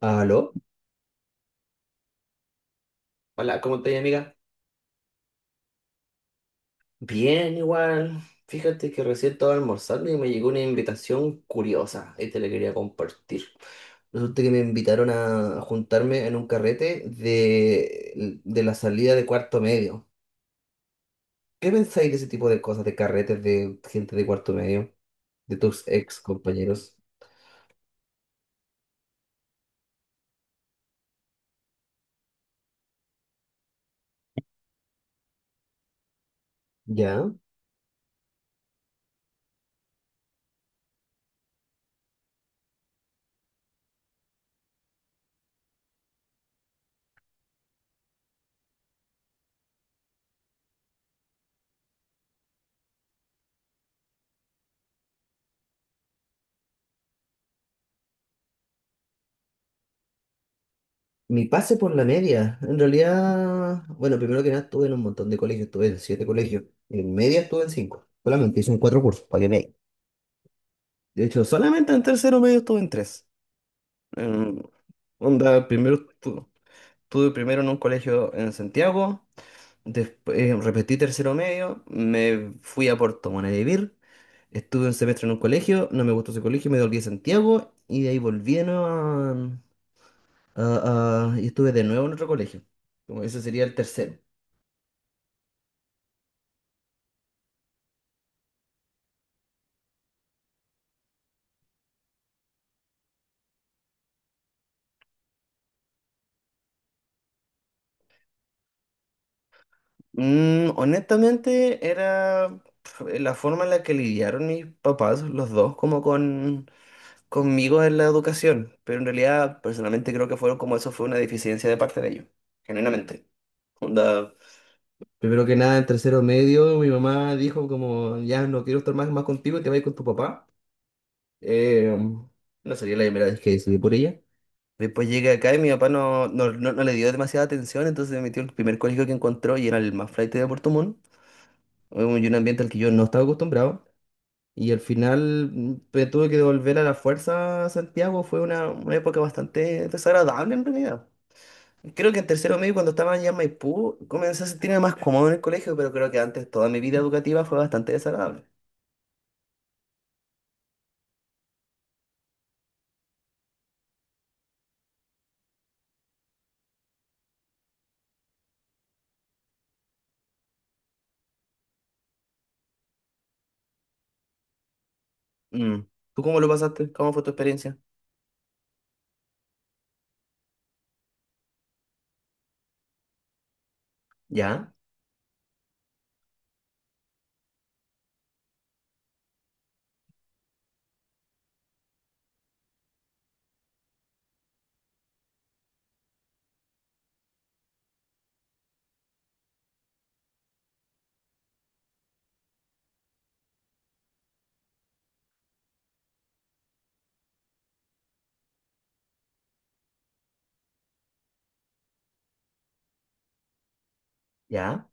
¿Aló? Hola, ¿cómo estás, amiga? Bien, igual. Fíjate que recién estaba almorzando y me llegó una invitación curiosa y te la quería compartir. Resulta que me invitaron a juntarme en un carrete de la salida de cuarto medio. ¿Qué pensáis de ese tipo de cosas, de carretes de gente de cuarto medio, de tus ex compañeros? ¿Ya? Mi pase por la media, en realidad, bueno, primero que nada estuve en un montón de colegios, estuve en siete colegios, en media estuve en cinco, solamente hice en cuatro cursos, para que veáis. De hecho, solamente en tercero medio estuve en tres. Em, Onda, primero estuve, primero en un colegio en Santiago, después repetí tercero medio, me fui a Puerto Montt a vivir, estuve un semestre en un colegio, no me gustó ese colegio, me volví a Santiago y de ahí volví de nuevo a, y estuve de nuevo en otro colegio. Como ese sería el tercero. Honestamente, era la forma en la que lidiaron mis papás, los dos, como conmigo en la educación. Pero en realidad, personalmente creo que fueron como eso fue una deficiencia de parte de ellos, genuinamente. Onda, primero que nada, en tercero medio, mi mamá dijo como, ya no quiero estar más, más contigo, te vas a ir con tu papá. Eh, no sería la primera vez que decidí por ella. Después llegué acá y mi papá no le dio demasiada atención, entonces me metió en el primer colegio que encontró y era el más flaite de Puerto Montt, un ambiente al que yo no estaba acostumbrado. Y al final me tuve que devolver a la fuerza a Santiago. Fue una época bastante desagradable en realidad. Creo que en tercero medio, cuando estaba ya en Maipú, comencé a sentirme más cómodo en el colegio, pero creo que antes toda mi vida educativa fue bastante desagradable. Mm. ¿Tú cómo lo pasaste? ¿Cómo fue tu experiencia? ¿Ya? ¿Ya?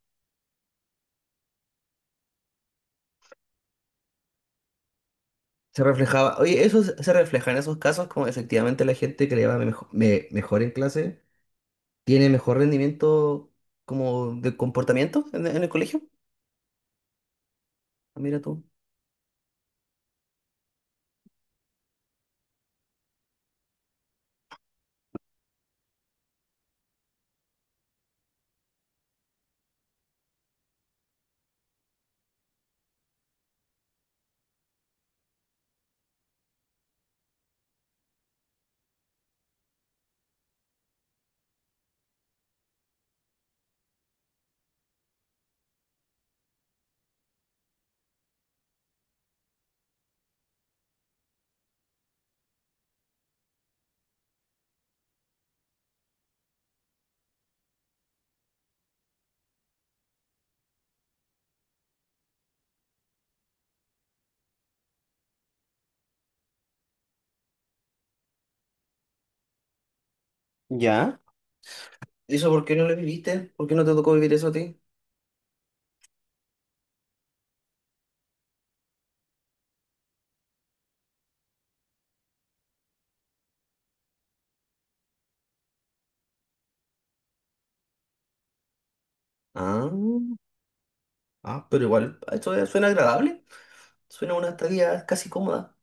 Se reflejaba, oye, eso se refleja en esos casos como efectivamente la gente que le va mejor en clase tiene mejor rendimiento como de comportamiento en el colegio. Mira tú. ¿Ya? ¿Y eso por qué no lo viviste? ¿Por qué no te tocó vivir eso a ti? Ah, ah, pero igual, suena agradable. Suena una estadía casi cómoda.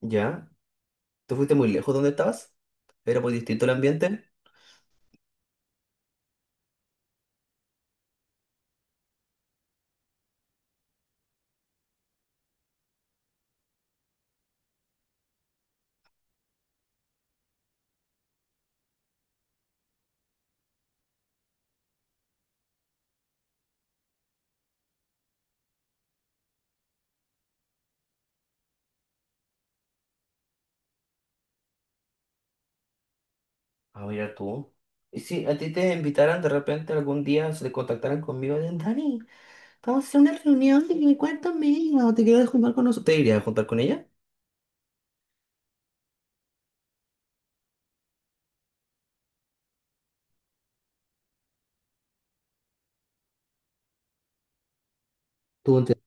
¿Ya? ¿Te fuiste muy lejos donde estabas? ¿Era muy distinto el ambiente? Ah, mira tú. Y si a ti te invitaran de repente algún día, se te contactaran conmigo, Dani, vamos a hacer una reunión de mi cuarto medio, ¿te quieres juntar con nosotros? ¿Te irías a juntar con ella? ¿Tú entiendes?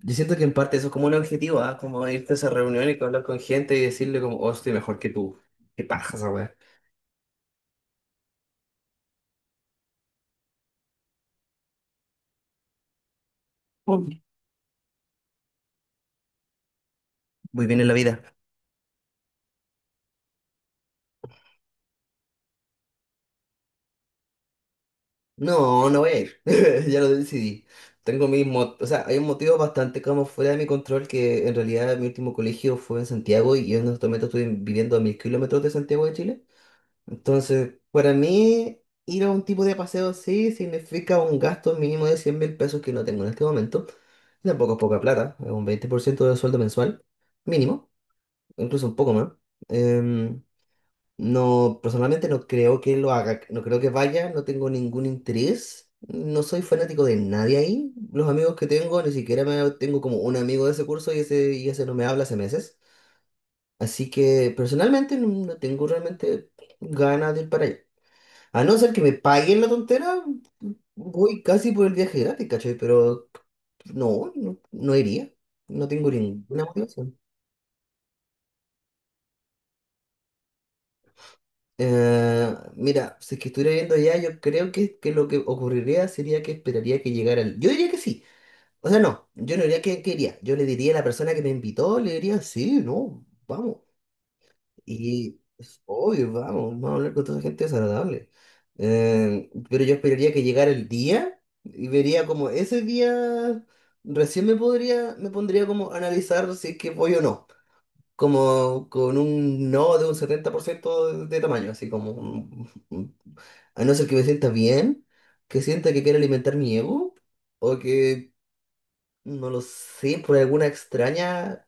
Yo siento que en parte eso es como un objetivo, ¿ah? Como irte a esa reunión y hablar con gente y decirle como, oh, estoy mejor que tú. ¿Qué paja esa weá? Mm. Muy bien en la vida. No, no voy a ir. Ya lo decidí. Tengo o sea, hay un motivo bastante como fuera de mi control que en realidad mi último colegio fue en Santiago y yo en estos momentos estoy viviendo a 1.000 kilómetros de Santiago de Chile. Entonces, para mí, ir a un tipo de paseo así significa un gasto mínimo de 100.000 pesos que no tengo en este momento. Tampoco es poca plata, es un 20% del sueldo mensual, mínimo, incluso un poco más. Em, no, personalmente no creo que lo haga, no creo que vaya, no tengo ningún interés, no soy fanático de nadie ahí. Los amigos que tengo, ni siquiera me, tengo como un amigo de ese curso y ese no me habla hace meses. Así que personalmente no tengo realmente ganas de ir para allá. A no ser que me paguen la tontera, voy casi por el viaje gratis, ¿cachai? Pero no iría. No tengo ninguna motivación. Mira, si es que estuviera viendo ya, yo creo que lo que ocurriría sería que esperaría que llegara el... Yo diría que sí. O sea, no, yo no diría que iría. Yo le diría a la persona que me invitó, le diría, sí, no, vamos. Y es obvio, vamos, vamos a hablar con toda esa gente desagradable. Pero yo esperaría que llegara el día y vería como ese día recién me pondría como a analizar si es que voy o no. Como con un no de un 70% de tamaño, así como a no ser que me sienta bien, que sienta que quiere alimentar mi ego, o que no lo sé, por alguna extraña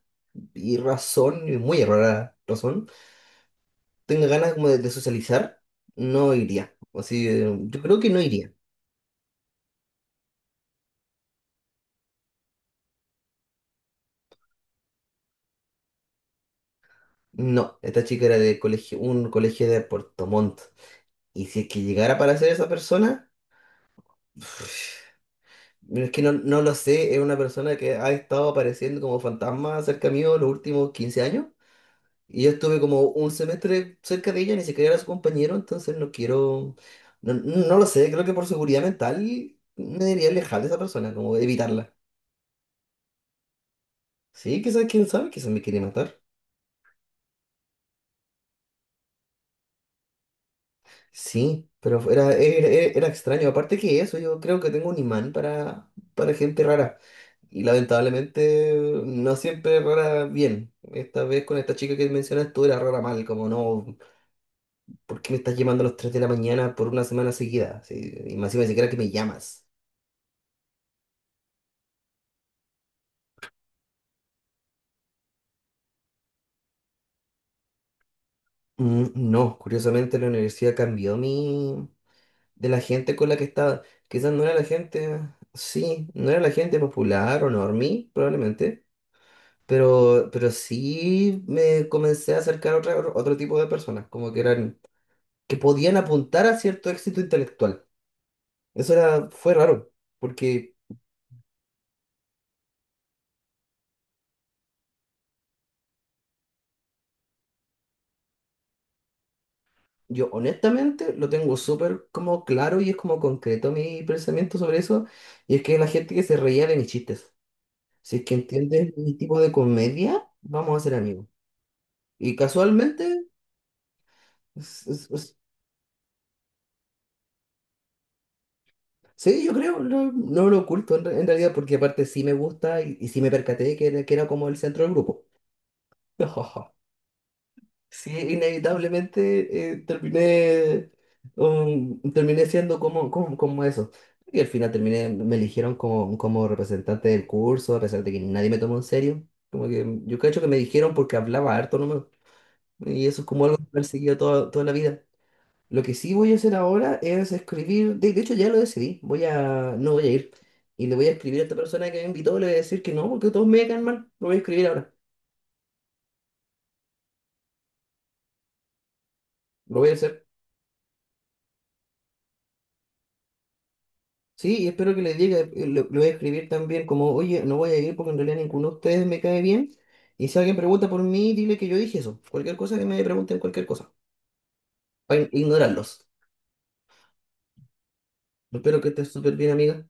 y muy errada razón tenga ganas como de socializar, no iría. O sea, yo creo que no iría. No, esta chica era de colegio, un colegio de Puerto Montt. Y si es que llegara para ser esa persona, bueno, es que no, no lo sé, es una persona que ha estado apareciendo como fantasma cerca mío los últimos 15 años. Y yo estuve como un semestre cerca de ella, ni siquiera era su compañero, entonces no quiero, no, no lo sé, creo que por seguridad mental me debería alejar de esa persona, como evitarla. Sí, quizás, quién sabe, quizás me quiere matar. Sí, pero era extraño. Aparte que eso, yo creo que tengo un imán para gente rara. Y lamentablemente no siempre rara bien. Esta vez con esta chica que mencionas tú era rara mal, como no, ¿por qué me estás llamando a las 3 de la mañana por una semana seguida? Sí, y más encima ni siquiera que me llamas. No, curiosamente la universidad cambió mi... de la gente con la que estaba. Quizás no era la gente, sí, no era la gente popular o normie, probablemente. Pero sí me comencé a acercar a otro tipo de personas, como que eran, que podían apuntar a cierto éxito intelectual. Eso era, fue raro, porque yo honestamente lo tengo súper como claro y es como concreto mi pensamiento sobre eso, y es que la gente que se reía de mis chistes. Si es que entiendes mi tipo de comedia, vamos a ser amigos. Y casualmente, s- s- s- sí, yo creo, no, no lo oculto en realidad, porque aparte sí me gusta y sí me percaté que era como el centro del grupo. No, sí, inevitablemente terminé siendo como eso. Y al final terminé, me eligieron como representante del curso, a pesar de que nadie me tomó en serio. Como que yo creo que me dijeron porque hablaba harto nomás. Y eso es como algo que me ha perseguido toda, toda la vida. Lo que sí voy a hacer ahora es escribir, de hecho ya lo decidí, no voy a ir. Y le voy a escribir a esta persona que me invitó, le voy a decir que no, porque todos me caen mal. Lo voy a escribir ahora, lo voy a hacer. Sí, y espero que le diga, lo voy a escribir también como, oye, no voy a ir porque en realidad ninguno de ustedes me cae bien. Y si alguien pregunta por mí, dile que yo dije eso. Cualquier cosa que me pregunten, cualquier cosa. Para ignorarlos. Espero que estés súper bien, amiga.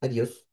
Adiós.